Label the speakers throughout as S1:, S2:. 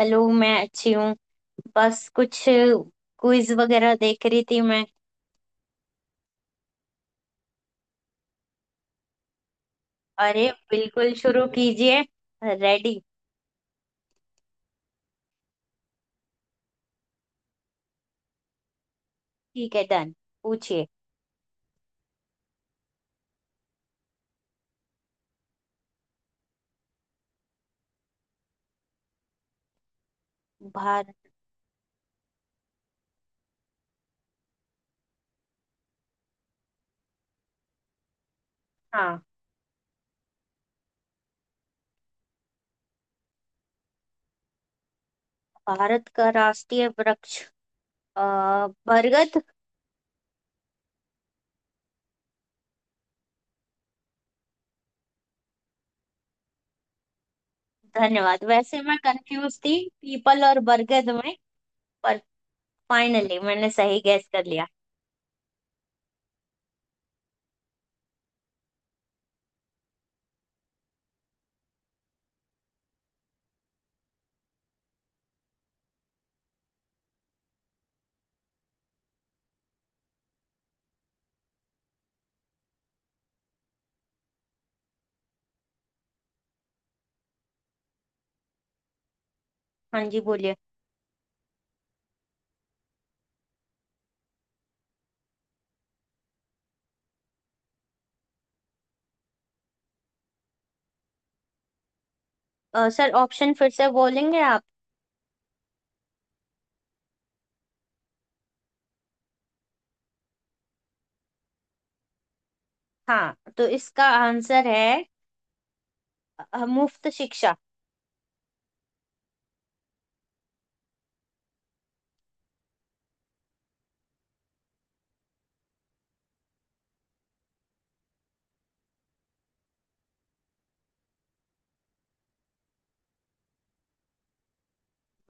S1: Hello, मैं अच्छी हूँ। बस कुछ क्विज वगैरह देख रही थी मैं। अरे बिल्कुल, शुरू कीजिए। रेडी। ठीक है, डन। पूछिए। भारत। हाँ, भारत का राष्ट्रीय वृक्ष अ, बरगद। धन्यवाद। वैसे मैं कंफ्यूज थी पीपल और बरगद में, पर फाइनली मैंने सही गैस कर लिया। हाँ जी, बोलिए। सर, ऑप्शन फिर से बोलेंगे आप? हाँ, तो इसका आंसर है मुफ्त शिक्षा।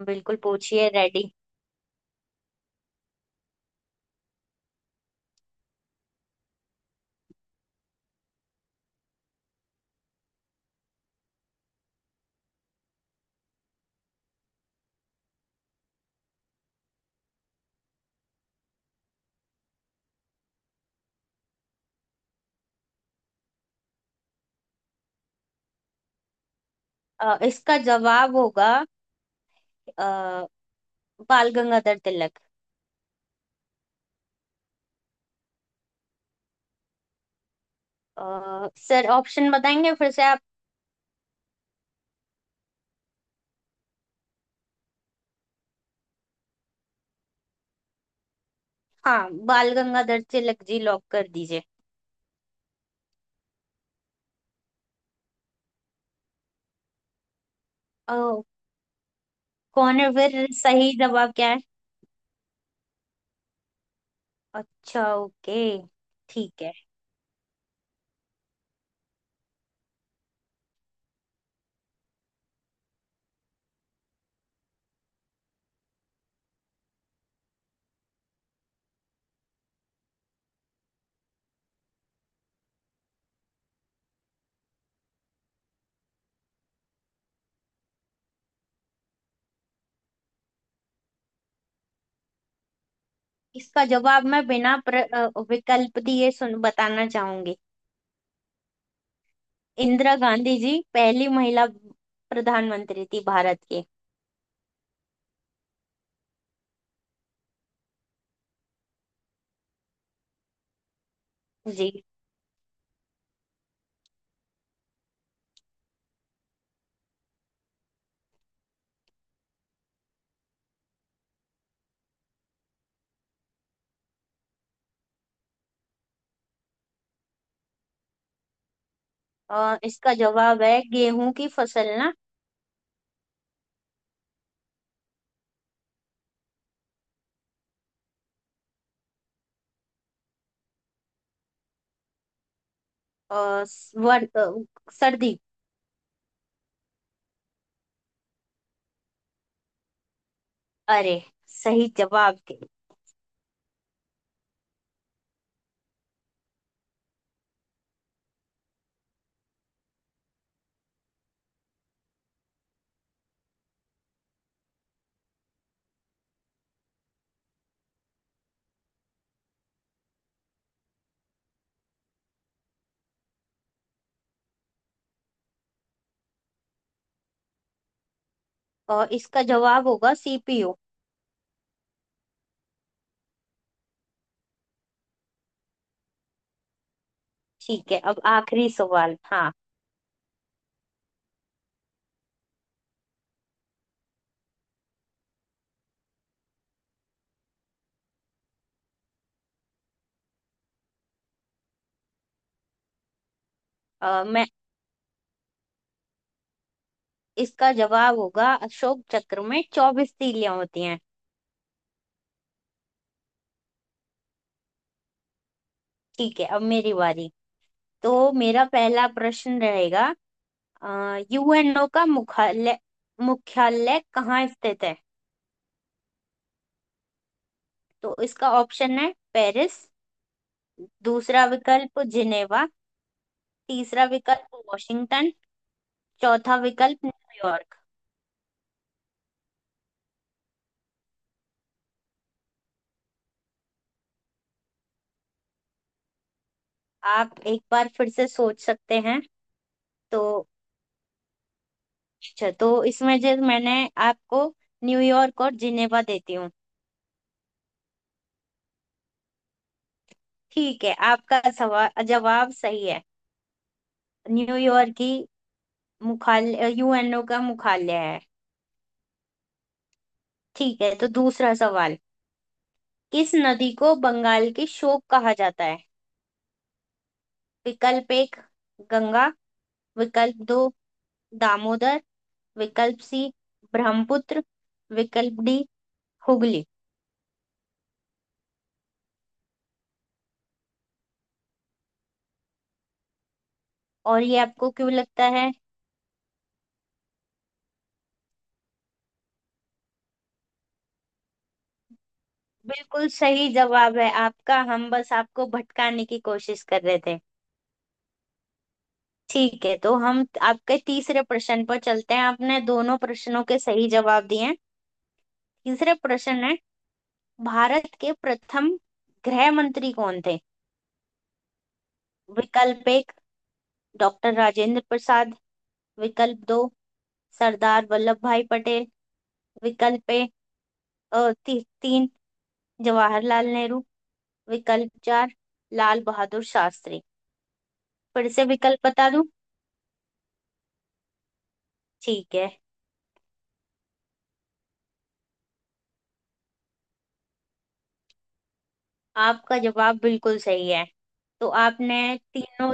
S1: बिल्कुल, पूछिए। रेडी। इसका जवाब होगा अ, बाल गंगाधर तिलक। सर, ऑप्शन बताएंगे फिर से आप? हाँ, बाल गंगाधर तिलक जी लॉक कर दीजिए। अ, कौन है? फिर सही जवाब क्या है? अच्छा, ओके। ठीक है। इसका जवाब मैं बिना विकल्प दिए सुन बताना चाहूंगी। इंदिरा गांधी जी पहली महिला प्रधानमंत्री थी भारत के। जी। इसका जवाब है गेहूं की फसल ना? अ, सर्दी। अरे, सही जवाब दे। और इसका जवाब होगा सीपीयू। ठीक है, अब आखिरी सवाल। हाँ। अ, मैं इसका जवाब होगा अशोक चक्र में 24 तीलियां होती हैं। ठीक है, अब मेरी बारी। तो मेरा पहला प्रश्न रहेगा। यूएनओ का मुख्यालय मुख्यालय कहाँ स्थित है? तो इसका ऑप्शन है पेरिस। दूसरा विकल्प जिनेवा। तीसरा विकल्प वॉशिंगटन। चौथा विकल्प न्यूयॉर्क। आप एक बार फिर से सोच सकते हैं। तो अच्छा, तो इसमें जो मैंने आपको न्यूयॉर्क और जिनेवा देती हूँ। ठीक है, आपका सवाल जवाब सही है। न्यूयॉर्क की मुख्यालय यूएनओ का मुख्यालय है। ठीक है, तो दूसरा सवाल। किस नदी को बंगाल की शोक कहा जाता है? विकल्प एक गंगा। विकल्प दो दामोदर। विकल्प C ब्रह्मपुत्र। विकल्प D हुगली। और ये आपको क्यों लगता है? बिल्कुल सही जवाब है आपका। हम बस आपको भटकाने की कोशिश कर रहे थे। ठीक है, तो हम आपके तीसरे प्रश्न पर चलते हैं। आपने दोनों प्रश्नों के सही जवाब दिए हैं। तीसरे प्रश्न है, भारत के प्रथम गृह मंत्री कौन थे? विकल्प एक डॉक्टर राजेंद्र प्रसाद। विकल्प दो सरदार वल्लभ भाई पटेल। विकल्प अ, ती, तीन जवाहरलाल नेहरू। विकल्प चार लाल बहादुर शास्त्री। फिर से विकल्प बता दूं? ठीक है। आपका जवाब बिल्कुल सही है। तो आपने तीनों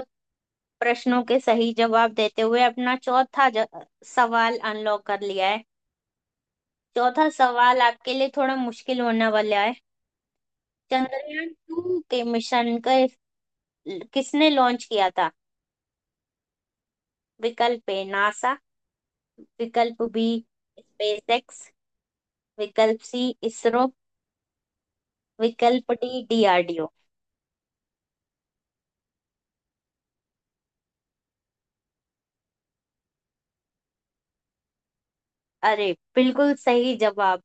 S1: प्रश्नों के सही जवाब देते हुए अपना चौथा सवाल अनलॉक कर लिया है। चौथा सवाल आपके लिए थोड़ा मुश्किल होने वाला है। चंद्रयान-2 के मिशन का किसने लॉन्च किया था? विकल्प ए नासा। विकल्प B स्पेसएक्स। विकल्प सी इसरो। विकल्प डी डीआरडीओ। अरे बिल्कुल सही जवाब।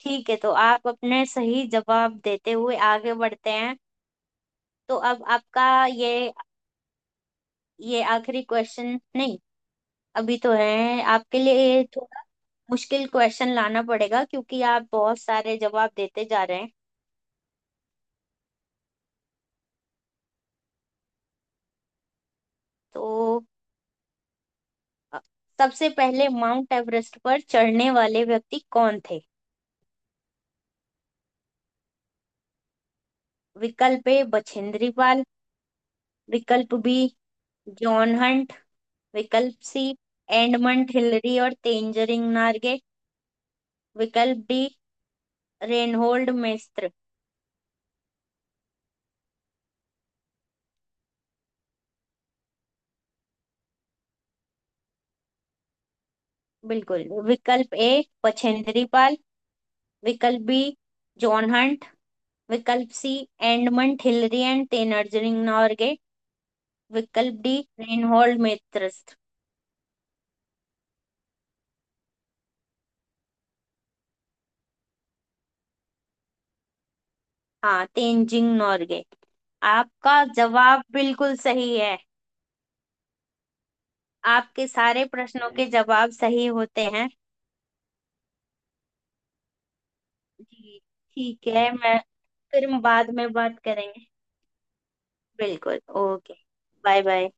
S1: ठीक है, तो आप अपने सही जवाब देते हुए आगे बढ़ते हैं। तो अब आपका ये आखिरी क्वेश्चन नहीं, अभी तो है। आपके लिए थोड़ा मुश्किल क्वेश्चन लाना पड़ेगा क्योंकि आप बहुत सारे जवाब देते जा रहे हैं। तो अ, सबसे पहले माउंट एवरेस्ट पर चढ़ने वाले व्यक्ति कौन थे? विकल्प ए बछेंद्री पाल। विकल्प बी जॉन हंट। विकल्प सी एडमंड हिलरी और तेंजरिंग नार्गे। विकल्प डी रेनहोल्ड मेस्त्र। बिल्कुल। विकल्प ए बछेंद्री पाल। विकल्प बी जॉन हंट। विकल्प C Edmund Hillary and Tenzing Norgay. विकल्प डी रेनहोल्ड मेत्रिस्ट। हाँ, तेनजिंग नॉर्गे। आपका जवाब बिल्कुल सही है। आपके सारे प्रश्नों के जवाब सही होते हैं। जी, ठीक है। मैं फिर हम बाद में बात करेंगे। बिल्कुल, ओके। Bye bye.